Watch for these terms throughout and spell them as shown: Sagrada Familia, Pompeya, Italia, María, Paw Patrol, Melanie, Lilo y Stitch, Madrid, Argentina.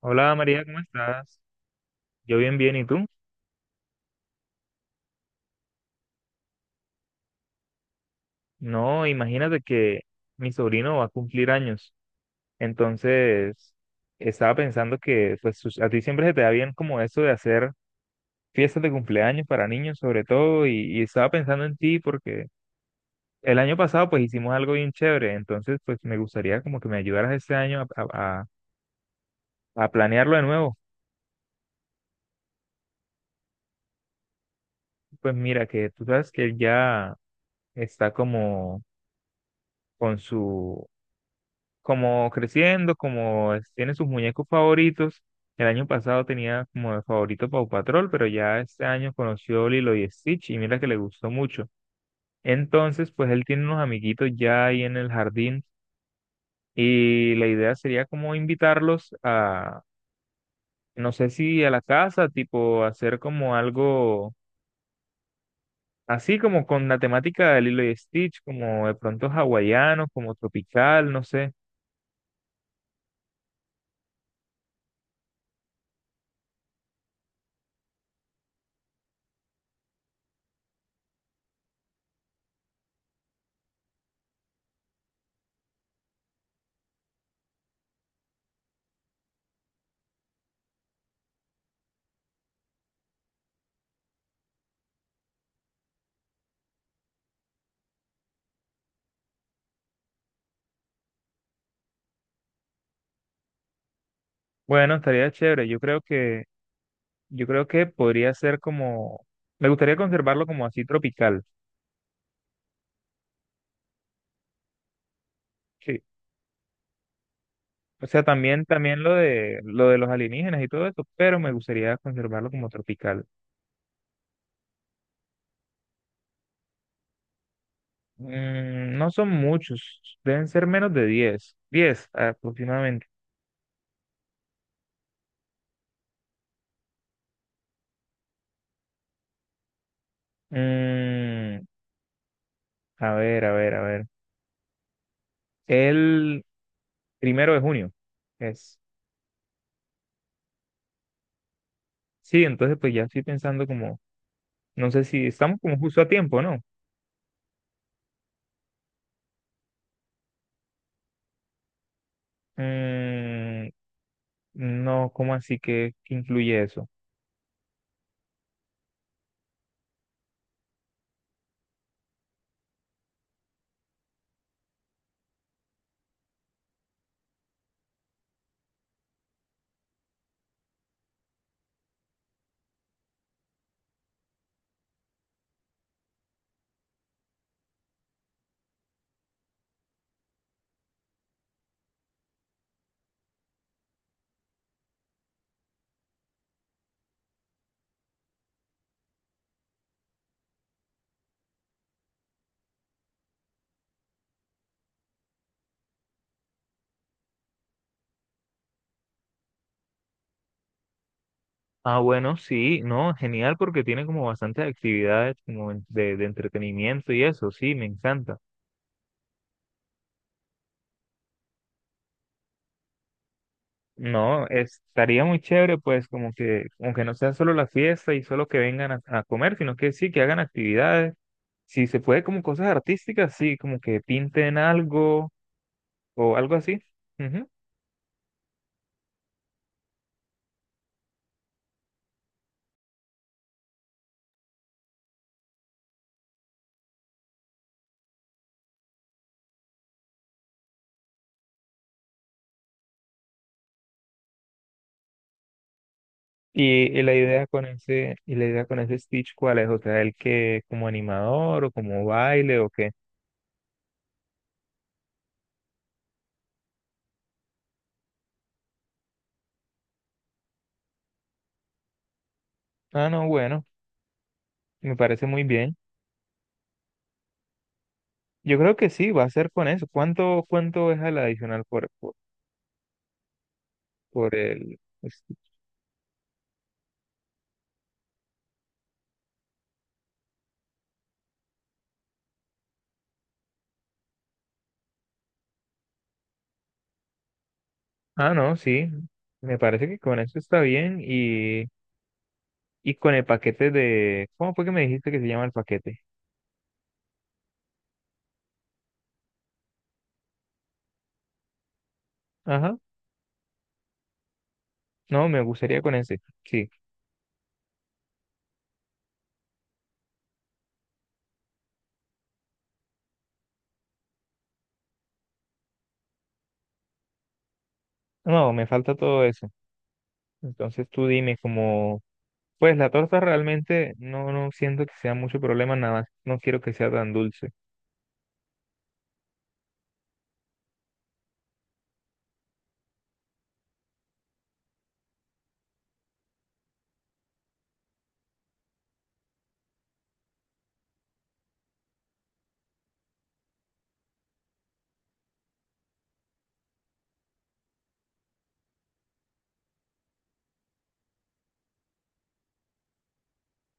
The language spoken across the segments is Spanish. Hola María, ¿cómo estás? Yo bien, bien, ¿y tú? No, imagínate que mi sobrino va a cumplir años, entonces estaba pensando que pues a ti siempre se te da bien como eso de hacer fiestas de cumpleaños para niños sobre todo y estaba pensando en ti porque el año pasado pues hicimos algo bien chévere, entonces pues me gustaría como que me ayudaras este año a planearlo de nuevo. Pues mira que tú sabes que él ya está como con su como creciendo, tiene sus muñecos favoritos. El año pasado tenía como de favorito Paw Patrol, pero ya este año conoció Lilo y Stitch y mira que le gustó mucho. Entonces, pues él tiene unos amiguitos ya ahí en el jardín y la idea sería como invitarlos a, no sé si a la casa, tipo hacer como algo así como con la temática de Lilo y Stitch, como de pronto hawaiano, como tropical, no sé. Bueno, estaría chévere. Yo creo que podría ser como, me gustaría conservarlo como así tropical, sí. O sea, también, también lo de los alienígenas y todo eso, pero me gustaría conservarlo como tropical. Mm, no son muchos, deben ser menos de diez aproximadamente. Mm, a ver, a ver, a ver. El 1 de junio es. Sí, entonces pues ya estoy pensando como, no sé si estamos como justo a tiempo, ¿no? Mm, no, ¿cómo así que incluye eso? Ah, bueno, sí, no, genial porque tiene como bastantes actividades como de entretenimiento y eso, sí, me encanta. No, estaría muy chévere pues como que, aunque no sea solo la fiesta y solo que vengan a comer, sino que sí, que hagan actividades. Si se puede como cosas artísticas, sí, como que pinten algo o algo así. Ujú. Y la idea con ese, y la idea con ese Stitch, ¿cuál es? O sea, el que como animador o como baile o qué. Ah, no, bueno, me parece muy bien. Yo creo que sí, va a ser con eso. ¿Cuánto es el adicional por el... este? Ah, no, sí. Me parece que con eso está bien y con el paquete de... ¿Cómo fue que me dijiste que se llama el paquete? Ajá. No, me gustaría con ese. Sí. No, me falta todo eso. Entonces tú dime como... Pues la torta realmente no, no siento que sea mucho problema, nada más. No quiero que sea tan dulce.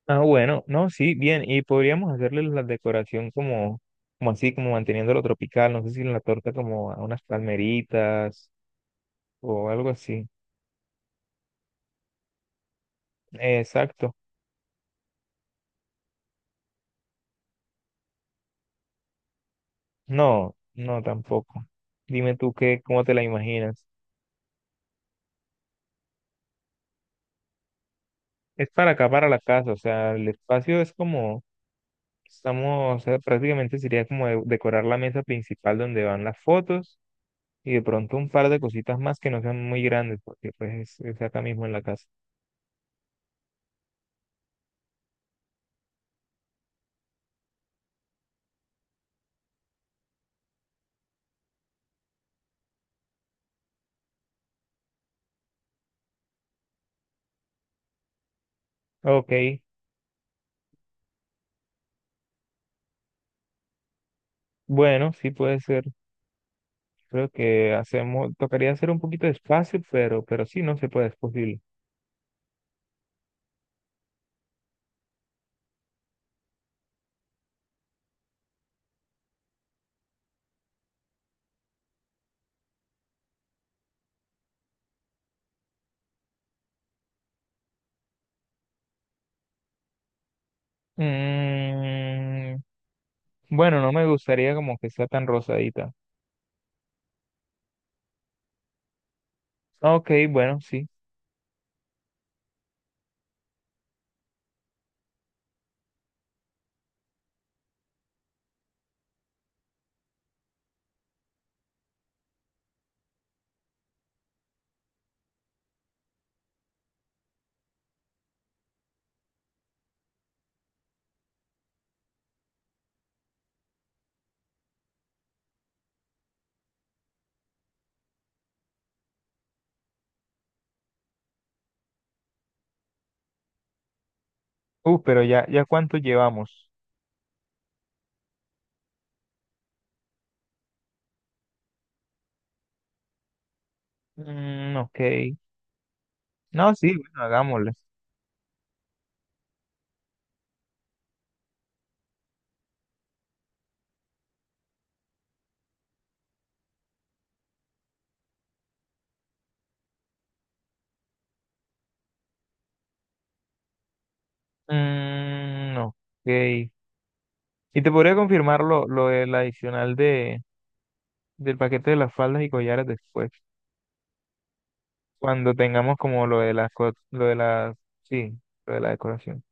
Ah, bueno, no, sí, bien, y podríamos hacerle la decoración como, como así, como manteniéndolo tropical, no sé si en la torta como a unas palmeritas o algo así. Exacto, no, no tampoco. Dime tú qué, cómo te la imaginas. Es para acá, para la casa, o sea, el espacio es como, estamos, o sea, prácticamente sería como decorar la mesa principal donde van las fotos y de pronto un par de cositas más que no sean muy grandes, porque pues es acá mismo en la casa. Ok. Bueno, sí puede ser. Creo que hacemos, tocaría hacer un poquito de espacio, pero sí, no se puede, es posible. Mm, bueno, no me gustaría como que sea tan rosadita. Ok, bueno, sí. Pero ya cuánto llevamos. Mm, ok. No, sí, bueno, hagámosle. Mm, ok. Y te podría confirmar lo del adicional del paquete de las faldas y collares después, cuando tengamos como lo de las, sí, lo de la decoración.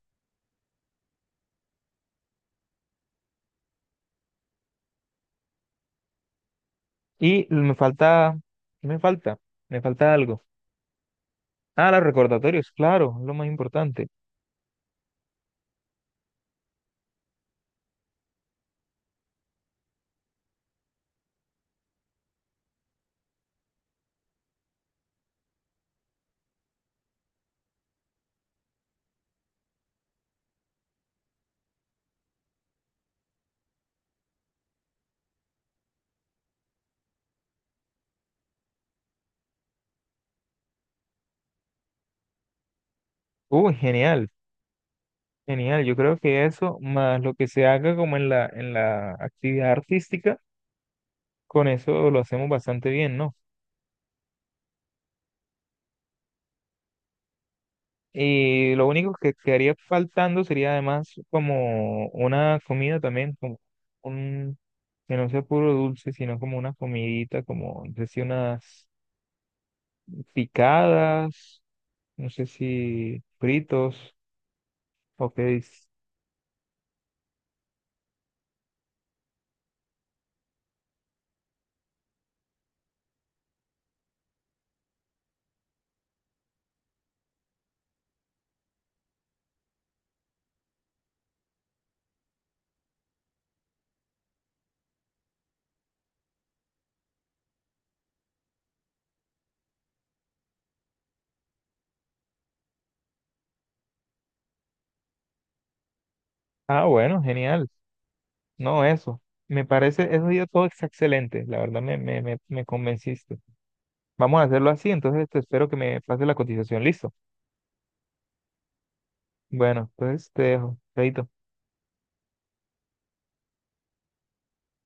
Y me falta, ¿qué me falta? Me falta algo. Ah, los recordatorios, claro, lo más importante. Uy, genial, genial. Yo creo que eso, más lo que se haga como en la actividad artística, con eso lo hacemos bastante bien, ¿no? Y lo único que quedaría faltando sería además como una comida también, como un, que no sea puro dulce, sino como una comidita, como, no sé si unas picadas, no sé si fritos. Ok. Ah, bueno, genial. No, eso. Me parece, eso ya todo es excelente. La verdad me convenciste. Vamos a hacerlo así, entonces te espero que me pases la cotización. Listo. Bueno, entonces te dejo. Chaito.